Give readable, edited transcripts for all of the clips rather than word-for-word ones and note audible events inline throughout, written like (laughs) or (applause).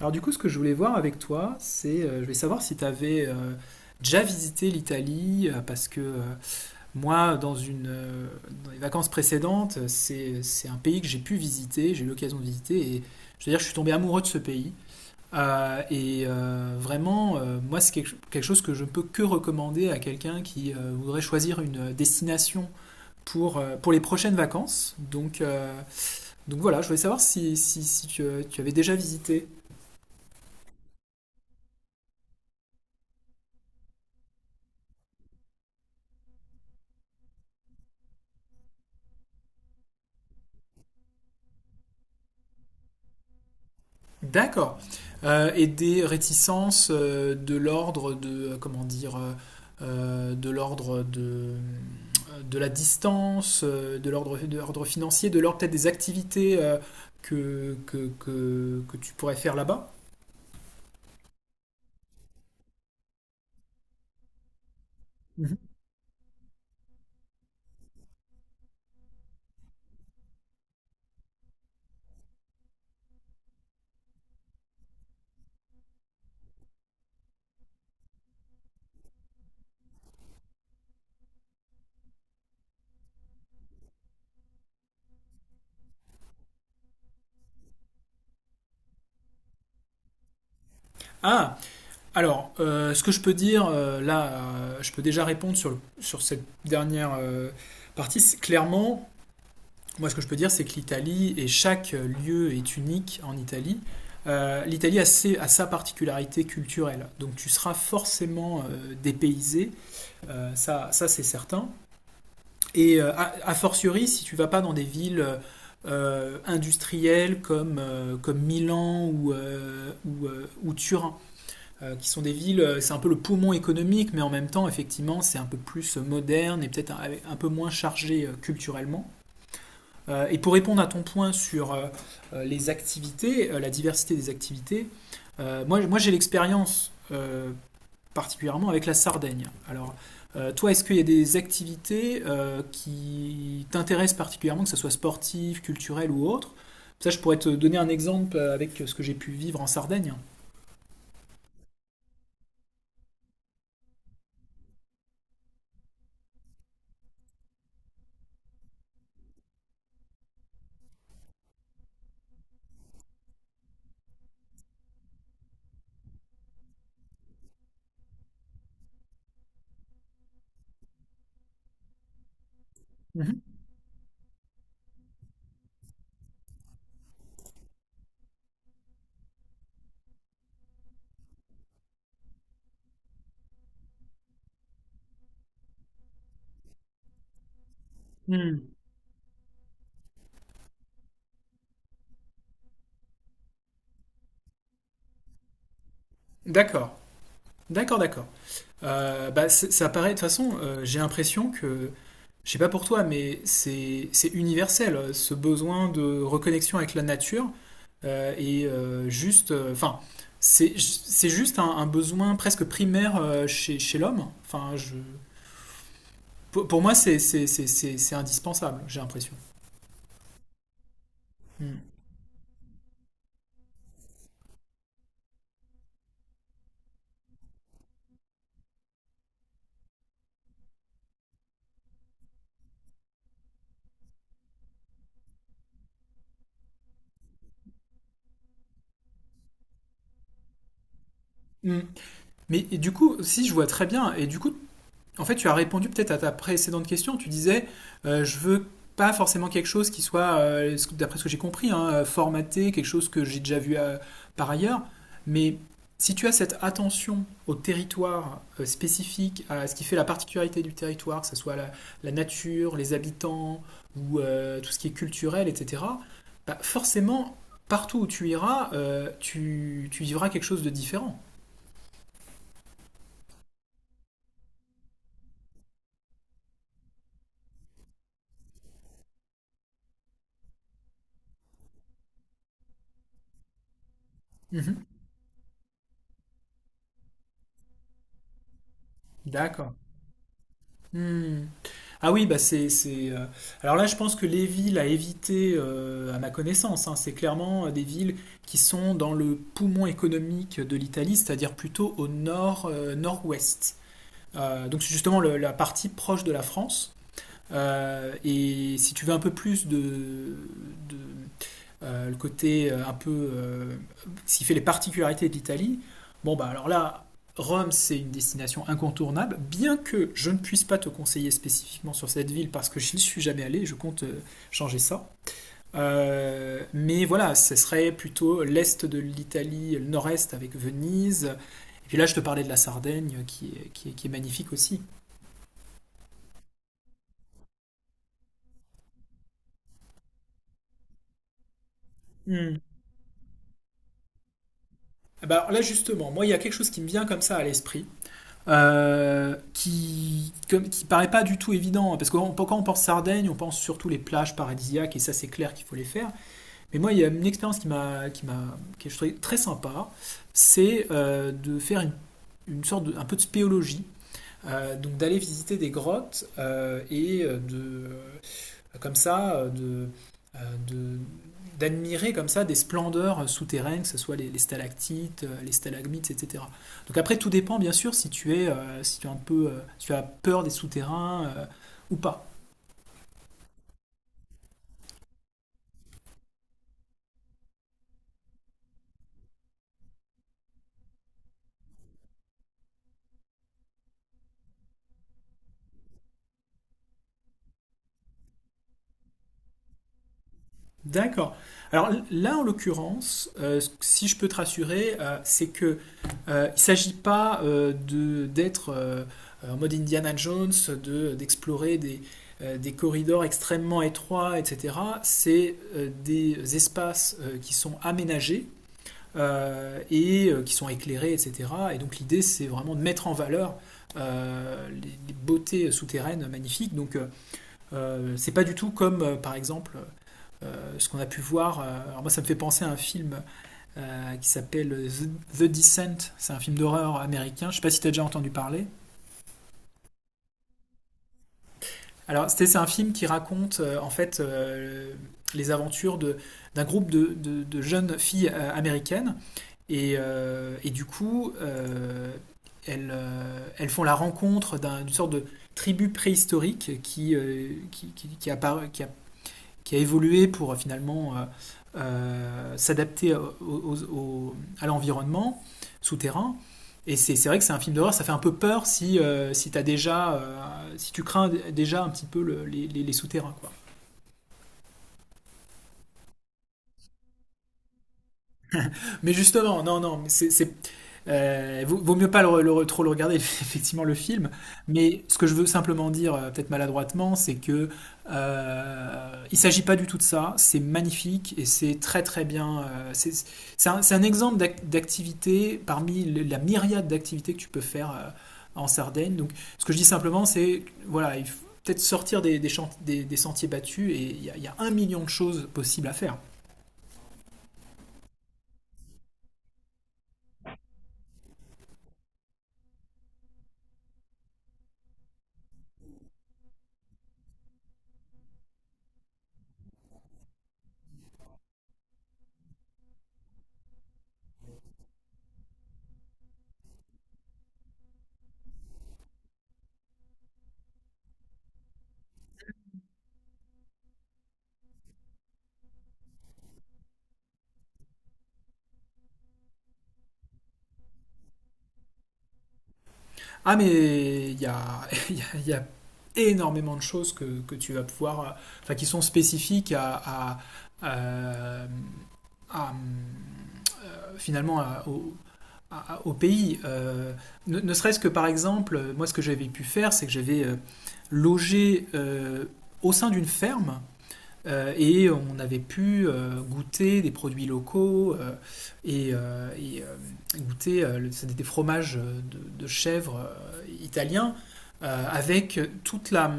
Alors du coup, ce que je voulais voir avec toi, c'est, je voulais savoir si tu avais déjà visité l'Italie, parce que moi, dans les vacances précédentes, c'est un pays que j'ai pu visiter, j'ai eu l'occasion de visiter, et je veux dire, je suis tombé amoureux de ce pays. Vraiment, moi, c'est quelque chose que je ne peux que recommander à quelqu'un qui voudrait choisir une destination pour les prochaines vacances. Donc voilà, je voulais savoir si tu, tu avais déjà visité. D'accord. Et des réticences de l'ordre de, comment dire, de l'ordre de la distance, de l'ordre financier, de l'ordre peut-être des activités que tu pourrais faire là-bas. Mhm. Ah, alors, ce que je peux dire, je peux déjà répondre sur cette dernière partie. C'est clairement, moi, ce que je peux dire, c'est que l'Italie, et chaque lieu est unique en Italie, l'Italie a sa particularité culturelle. Donc tu seras forcément dépaysé, ça c'est certain. Et a fortiori, si tu vas pas dans des villes industrielles comme Milan ou Turin, qui sont des villes, c'est un peu le poumon économique, mais en même temps, effectivement, c'est un peu plus moderne et peut-être un peu moins chargé culturellement. Et pour répondre à ton point sur les activités, la diversité des activités, moi j'ai l'expérience particulièrement avec la Sardaigne. Alors, toi, est-ce qu'il y a des activités qui t'intéressent particulièrement, que ce soit sportive, culturelle ou autre? Ça, je pourrais te donner un exemple avec ce que j'ai pu vivre en Sardaigne. Mhm. Hmm. D'accord. D'accord, d'accord. Bah, ça paraît, de toute façon, j'ai l'impression que, je sais pas pour toi, mais c'est universel, ce besoin de reconnexion avec la nature. Enfin, c'est juste un besoin presque primaire chez l'homme. Pour moi, c'est indispensable, j'ai l'impression. Hmm. Hmm. Si je vois très bien, et du coup, en fait, tu as répondu peut-être à ta précédente question. Tu disais, je veux pas forcément quelque chose qui soit, d'après ce que j'ai compris, hein, formaté, quelque chose que j'ai déjà vu par ailleurs. Mais si tu as cette attention au territoire spécifique, à ce qui fait la particularité du territoire, que ce soit la, la nature, les habitants ou tout ce qui est culturel, etc., bah, forcément, partout où tu iras, tu vivras quelque chose de différent. Mhm. D'accord. Hmm. Ah oui, bah c'est, c'est, euh, Alors là, je pense que les villes à éviter, à ma connaissance, hein, c'est clairement des villes qui sont dans le poumon économique de l'Italie, c'est-à-dire plutôt au nord, nord-ouest. Donc c'est justement la partie proche de la France. Et si tu veux un peu plus de le côté un peu. Ce qui fait les particularités de l'Italie. Bon, bah alors là, Rome, c'est une destination incontournable, bien que je ne puisse pas te conseiller spécifiquement sur cette ville parce que je n'y suis jamais allé, je compte changer ça. Mais voilà, ce serait plutôt l'est de l'Italie, le nord-est avec Venise. Et puis là, je te parlais de la Sardaigne qui est magnifique aussi. Mm. Bah, alors là, justement, moi, il y a quelque chose qui me vient comme ça à l'esprit. Qui paraît pas du tout évident, hein. Parce que quand on- quand on pense Sardaigne, on pense surtout les plages paradisiaques, et ça c'est clair qu'il faut les faire. Mais moi, il y a une expérience qui, est je trouvais très sympa, c'est de faire une sorte de, un peu de spéologie. Donc d'aller visiter des grottes et de comme ça, euh, de d'admirer comme ça des splendeurs souterraines, que ce soit stalactites, les stalagmites, etc. Donc après, tout dépend bien sûr si tu es, si tu es un peu, si tu as peur des souterrains ou pas. D'accord. Alors là, en l'occurrence, si je peux te rassurer, c'est que il s'agit pas de d'être en mode Indiana Jones, de d'explorer des corridors extrêmement étroits, etc. C'est des espaces qui sont aménagés qui sont éclairés, etc. Et donc l'idée, c'est vraiment de mettre en valeur les beautés souterraines magnifiques. Donc c'est pas du tout comme, par exemple, ce qu'on a pu voir. Alors moi, ça me fait penser à un film qui s'appelle The Descent. C'est un film d'horreur américain. Je sais pas si tu as déjà entendu parler. Alors, c'est un film qui raconte en fait les aventures de, d'un groupe de jeunes filles américaines. Et, euh, et du coup, euh, Elles font la rencontre d'une sorte de tribu préhistorique qui, appara qui a évolué pour finalement s'adapter à l'environnement souterrain. Et c'est vrai que c'est un film d'horreur, ça fait un peu peur si, t'as déjà, si tu crains déjà un petit peu les souterrains, quoi. Mais justement, non, non, mais c'est- vaut, vaut mieux pas trop le regarder, (laughs) effectivement, le film. Mais ce que je veux simplement dire, peut-être maladroitement, c'est que il s'agit pas du tout de ça. C'est magnifique et c'est très très bien. C'est un exemple d'activité parmi la myriade d'activités que tu peux faire en Sardaigne. Donc, ce que je dis simplement, c'est voilà, il faut peut-être sortir des sentiers battus et il y a 1 million de choses possibles à faire. Mais il y a, (laughs) il y a énormément de choses que tu vas pouvoir, enfin, qui sont spécifiques à- à, finalement à- au pays. Ne serait-ce que par exemple, moi, ce que j'avais pu faire, c'est que j'avais logé au sein d'une ferme et on avait pu goûter des produits locaux et, euh, et, euh, goûter c'était des fromages de chèvre italiens avec toute la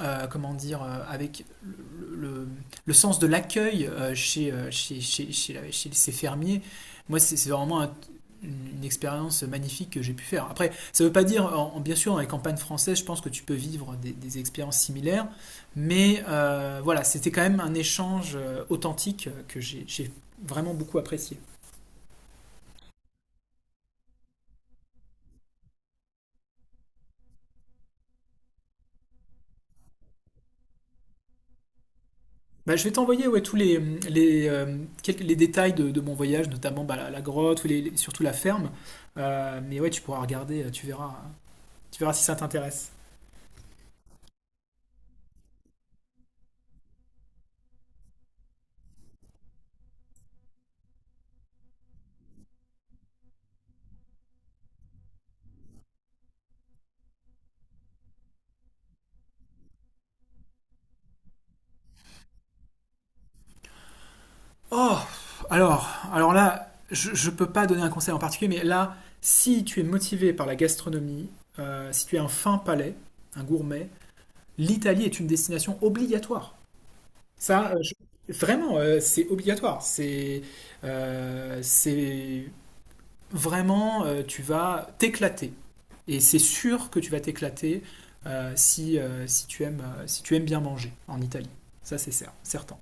comment dire avec le sens de l'accueil chez ces fermiers. Moi, c'est vraiment une expérience magnifique que j'ai pu faire. Après, ça ne veut pas dire, bien sûr, dans les campagnes françaises, je pense que tu peux vivre des expériences similaires, mais voilà, c'était quand même un échange authentique que j'ai vraiment beaucoup apprécié. Bah, je vais t'envoyer, ouais, tous les, quelques- les détails de mon voyage, notamment bah, la grotte, ou surtout la ferme. Mais ouais, tu pourras regarder, tu verras si ça t'intéresse. Oh, alors là, je ne peux pas donner un conseil en particulier, mais là, si tu es motivé par la gastronomie, si tu es un fin palais, un gourmet, l'Italie est une destination obligatoire. Vraiment, c'est obligatoire. C'est vraiment, tu vas t'éclater. Et c'est sûr que tu vas t'éclater si tu aimes bien manger en Italie. Ça, certain.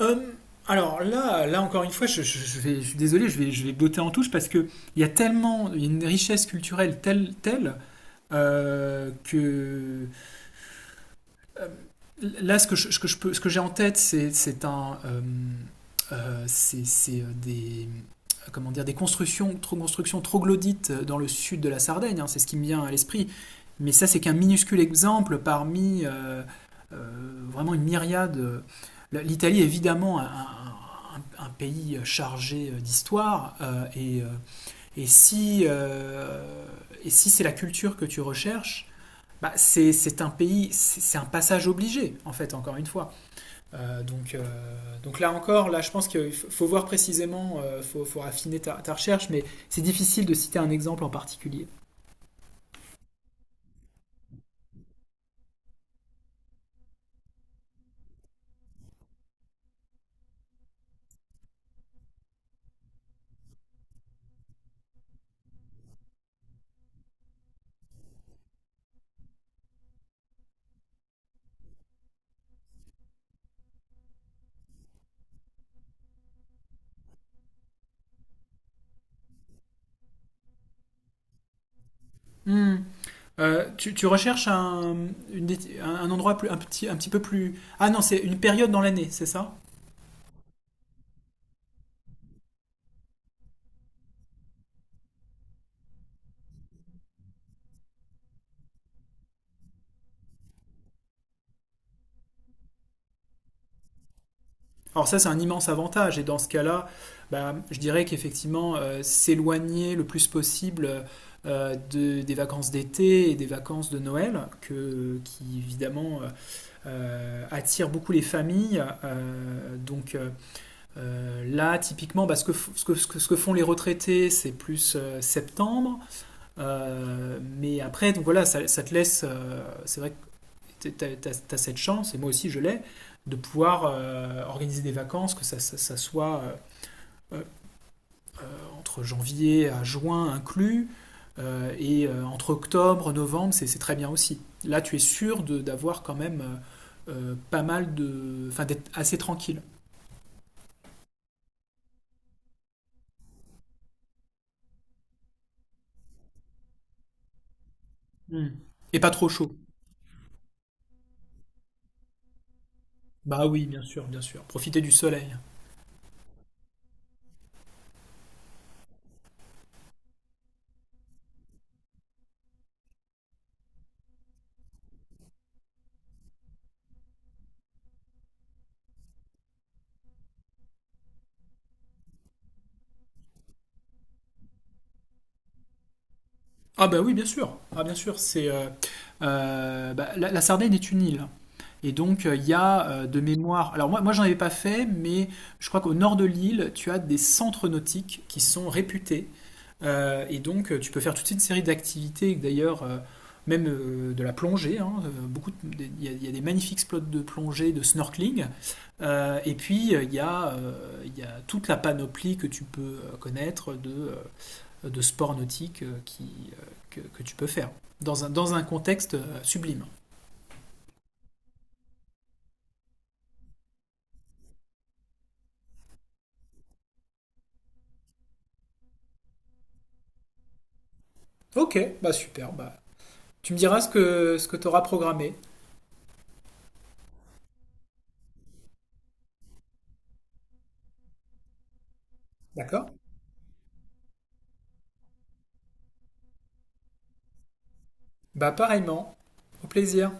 Hum, alors là, là encore une fois, je suis désolé, je vais botter en touche parce que il y a une richesse culturelle telle que euh, là, ce que j'ai en tête, c'est des, comment dire, des constructions, trop constructions troglodytes dans le sud de la Sardaigne, hein, c'est ce qui me vient à l'esprit. Mais ça, c'est qu'un minuscule exemple parmi vraiment une myriade. L'Italie, évidemment, un pays chargé d'histoire. Et si, euh, et si c'est la culture que tu recherches, bah, c'est un passage obligé, en fait, encore une fois. Euh, donc, euh, donc là encore, là, je pense qu'il faut voir précisément, faut affiner ta recherche, mais c'est difficile de citer un exemple en particulier. Hmm. Tu recherches une un endroit un petit peu plus... Ah non, c'est une période dans l'année, c'est ça? Alors ça, c'est un immense avantage. Et dans ce cas-là, bah, je dirais qu'effectivement, s'éloigner le plus possible des vacances d'été et des vacances de Noël, qui évidemment attirent beaucoup les familles. Là, typiquement, bah, ce, que, f- ce, que, ce que- ce que font les retraités, c'est plus septembre. Mais après, donc voilà, ça te laisse, c'est vrai tu as cette chance, et moi aussi je l'ai, de pouvoir organiser des vacances, que ça soit euh, entre janvier à juin inclus, entre octobre, novembre, c'est très bien aussi. Là, tu es sûr d'avoir quand même pas mal de... Enfin, d'être assez tranquille. Mm. Et pas trop chaud. Bah oui, bien sûr, bien sûr. Profiter du soleil. Ah bah oui, bien sûr. Ah bien sûr, c'est bah, la Sardaigne est une île. Et donc il y a, de mémoire. Alors moi j'en avais pas fait, mais je crois qu'au nord de l'île, tu as des centres nautiques qui sont réputés. Et donc tu peux faire toute une série d'activités. D'ailleurs, même de la plongée, hein. Il y a il y a des magnifiques spots de plongée, de snorkeling. Et puis, il y, a, Il y a toute la panoplie que tu peux connaître de de sport nautique que tu peux faire dans dans un contexte sublime. Ok, bah super. Bah, tu me diras ce que tu auras programmé. D'accord. Bah pareillement. Au plaisir.